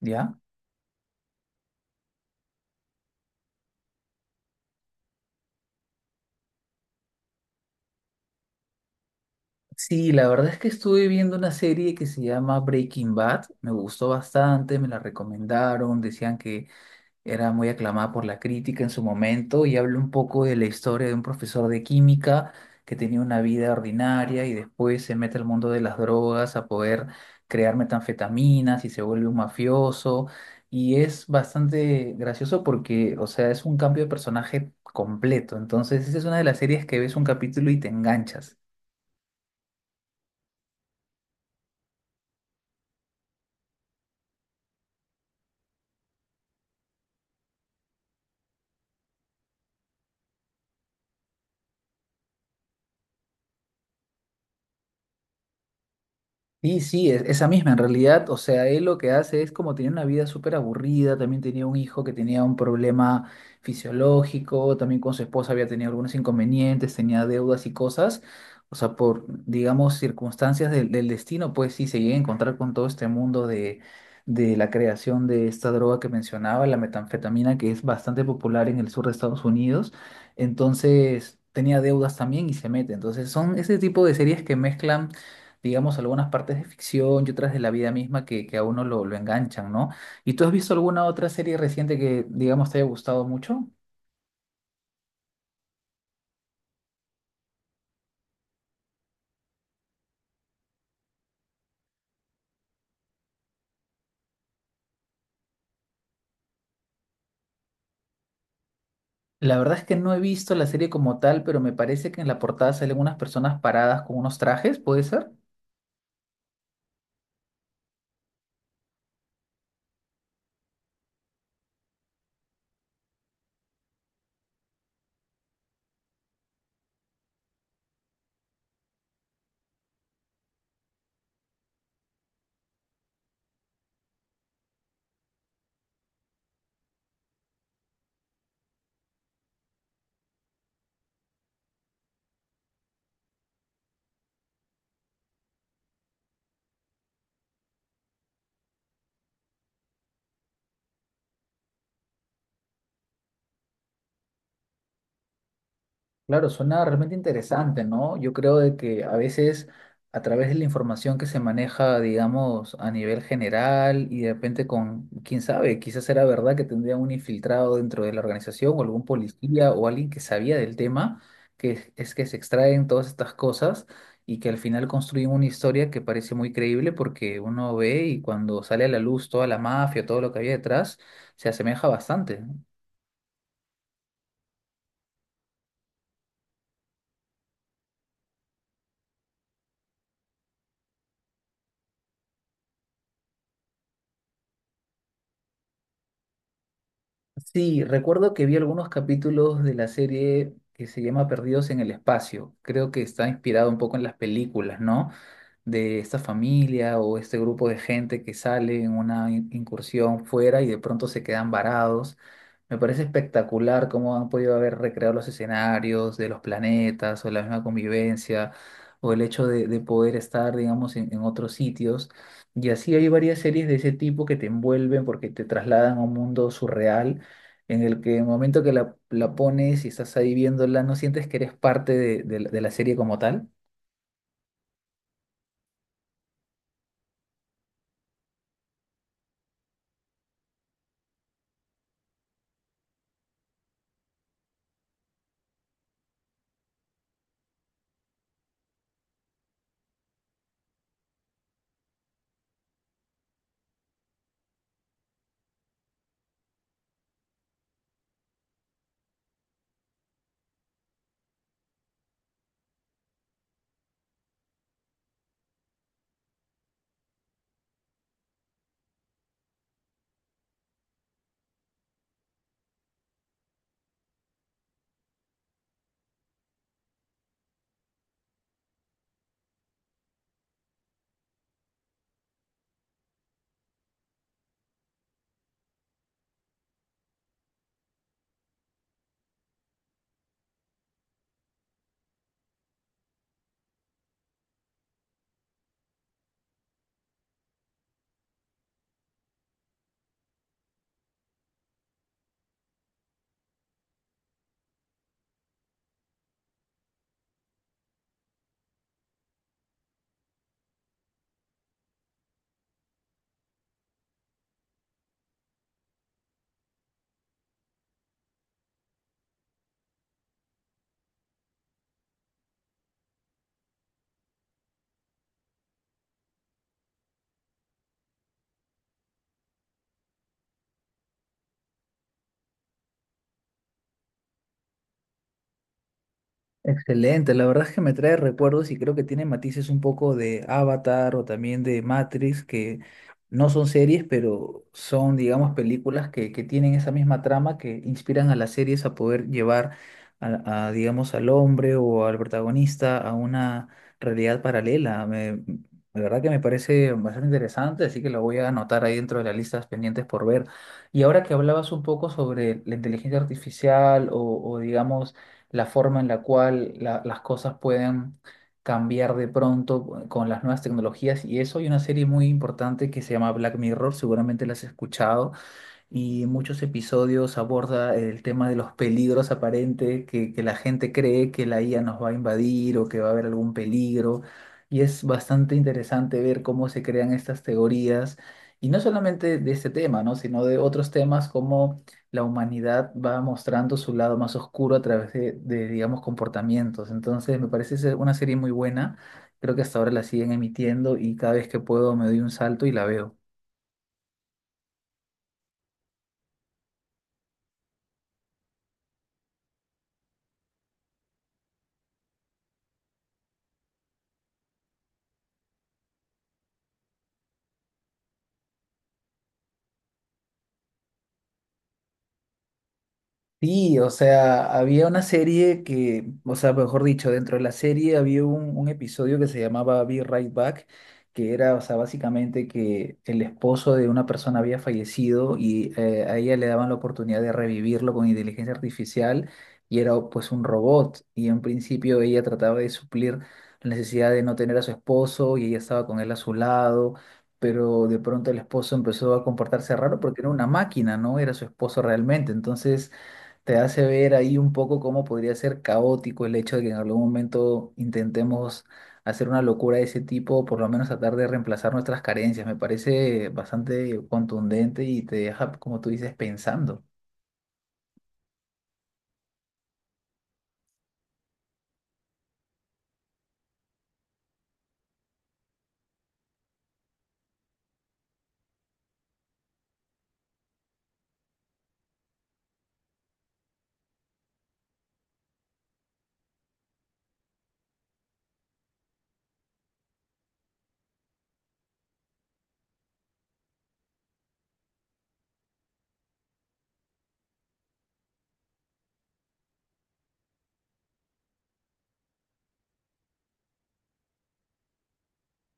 ¿Ya? Sí, la verdad es que estuve viendo una serie que se llama Breaking Bad. Me gustó bastante, me la recomendaron, decían que era muy aclamada por la crítica en su momento y habla un poco de la historia de un profesor de química que tenía una vida ordinaria y después se mete al mundo de las drogas a poder crear metanfetaminas y se vuelve un mafioso. Y es bastante gracioso porque, o sea, es un cambio de personaje completo. Entonces, esa es una de las series que ves un capítulo y te enganchas. Sí, sí, esa misma en realidad, o sea, él lo que hace es como tenía una vida súper aburrida, también tenía un hijo que tenía un problema fisiológico, también con su esposa había tenido algunos inconvenientes, tenía deudas y cosas, o sea, por, digamos, circunstancias del destino, pues sí, se llega a encontrar con todo este mundo de la creación de esta droga que mencionaba, la metanfetamina, que es bastante popular en el sur de Estados Unidos, entonces tenía deudas también y se mete, entonces son ese tipo de series que mezclan digamos, algunas partes de ficción y otras de la vida misma que a uno lo enganchan, ¿no? ¿Y tú has visto alguna otra serie reciente que, digamos, te haya gustado mucho? La verdad es que no he visto la serie como tal, pero me parece que en la portada salen unas personas paradas con unos trajes, ¿puede ser? Claro, suena realmente interesante, ¿no? Yo creo de que a veces a través de la información que se maneja, digamos, a nivel general y de repente con, quién sabe, quizás era verdad que tendría un infiltrado dentro de la organización o algún policía o alguien que sabía del tema, es que se extraen todas estas cosas y que al final construyen una historia que parece muy creíble porque uno ve y cuando sale a la luz toda la mafia, todo lo que había detrás, se asemeja bastante. Sí, recuerdo que vi algunos capítulos de la serie que se llama Perdidos en el Espacio. Creo que está inspirado un poco en las películas, ¿no? De esta familia o este grupo de gente que sale en una incursión fuera y de pronto se quedan varados. Me parece espectacular cómo han podido haber recreado los escenarios de los planetas o la misma convivencia o el hecho de poder estar, digamos, en otros sitios. Y así hay varias series de ese tipo que te envuelven porque te trasladan a un mundo surreal en el que en el momento que la pones y estás ahí viéndola, no sientes que eres parte de la serie como tal. Excelente, la verdad es que me trae recuerdos y creo que tiene matices un poco de Avatar o también de Matrix, que no son series, pero son, digamos, películas que tienen esa misma trama que inspiran a las series a poder llevar digamos, al hombre o al protagonista a una realidad paralela. La verdad que me parece bastante interesante, así que lo voy a anotar ahí dentro de las listas pendientes por ver. Y ahora que hablabas un poco sobre la inteligencia artificial digamos, la forma en la cual las cosas pueden cambiar de pronto con las nuevas tecnologías y eso. Hay una serie muy importante que se llama Black Mirror, seguramente la has escuchado y en muchos episodios aborda el tema de los peligros aparentes, que la gente cree que la IA nos va a invadir o que va a haber algún peligro. Y es bastante interesante ver cómo se crean estas teorías, y no solamente de este tema, ¿no? Sino de otros temas como la humanidad va mostrando su lado más oscuro a través digamos, comportamientos. Entonces, me parece ser una serie muy buena. Creo que hasta ahora la siguen emitiendo y cada vez que puedo me doy un salto y la veo. Sí, o sea, había una serie que, o sea, mejor dicho, dentro de la serie había un episodio que se llamaba Be Right Back, que era, o sea, básicamente que el esposo de una persona había fallecido y a ella le daban la oportunidad de revivirlo con inteligencia artificial y era pues un robot y en principio ella trataba de suplir la necesidad de no tener a su esposo y ella estaba con él a su lado. Pero de pronto el esposo empezó a comportarse raro porque era una máquina, no era su esposo realmente. Entonces, te hace ver ahí un poco cómo podría ser caótico el hecho de que en algún momento intentemos hacer una locura de ese tipo, por lo menos tratar de reemplazar nuestras carencias. Me parece bastante contundente y te deja, como tú dices, pensando.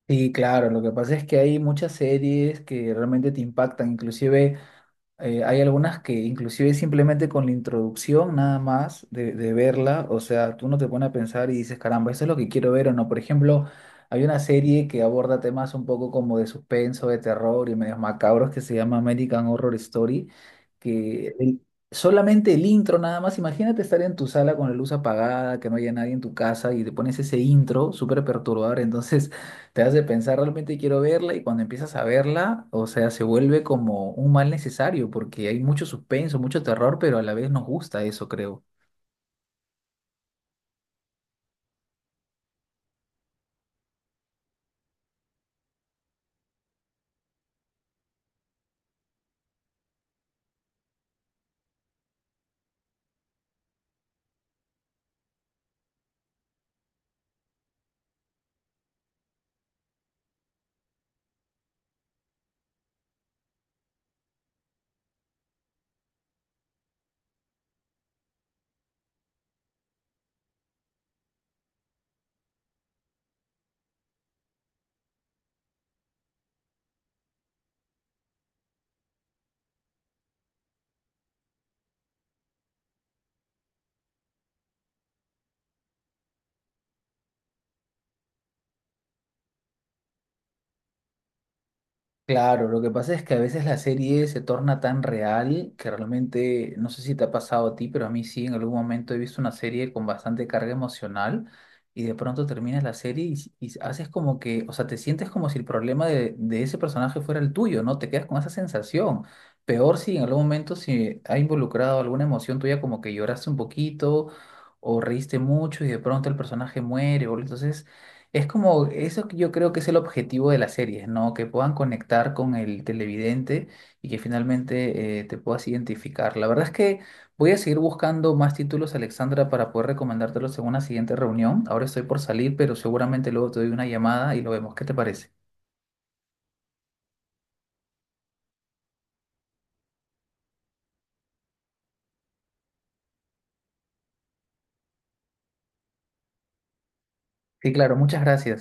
Sí, claro, lo que pasa es que hay muchas series que realmente te impactan, inclusive... hay algunas que inclusive simplemente con la introducción nada más de verla, o sea, tú no te pones a pensar y dices, caramba, eso es lo que quiero ver o no. Por ejemplo, hay una serie que aborda temas un poco como de suspenso, de terror y medios macabros que se llama American Horror Story, que el- solamente el intro nada más, imagínate estar en tu sala con la luz apagada, que no haya nadie en tu casa y te pones ese intro súper perturbador, entonces te hace pensar, realmente quiero verla y cuando empiezas a verla, o sea, se vuelve como un mal necesario porque hay mucho suspenso, mucho terror, pero a la vez nos gusta eso, creo. Claro, lo que pasa es que a veces la serie se torna tan real que realmente, no sé si te ha pasado a ti, pero a mí sí, en algún momento he visto una serie con bastante carga emocional y de pronto terminas la serie y haces como que, o sea, te sientes como si el problema de ese personaje fuera el tuyo, ¿no? Te quedas con esa sensación. Peor si en algún momento si ha involucrado alguna emoción tuya, como que lloraste un poquito o reíste mucho y de pronto el personaje muere, o entonces... Es como, eso que yo creo que es el objetivo de las series, ¿no? Que puedan conectar con el televidente y que finalmente te puedas identificar. La verdad es que voy a seguir buscando más títulos, Alexandra, para poder recomendártelos en una siguiente reunión. Ahora estoy por salir, pero seguramente luego te doy una llamada y lo vemos. ¿Qué te parece? Sí, claro, muchas gracias.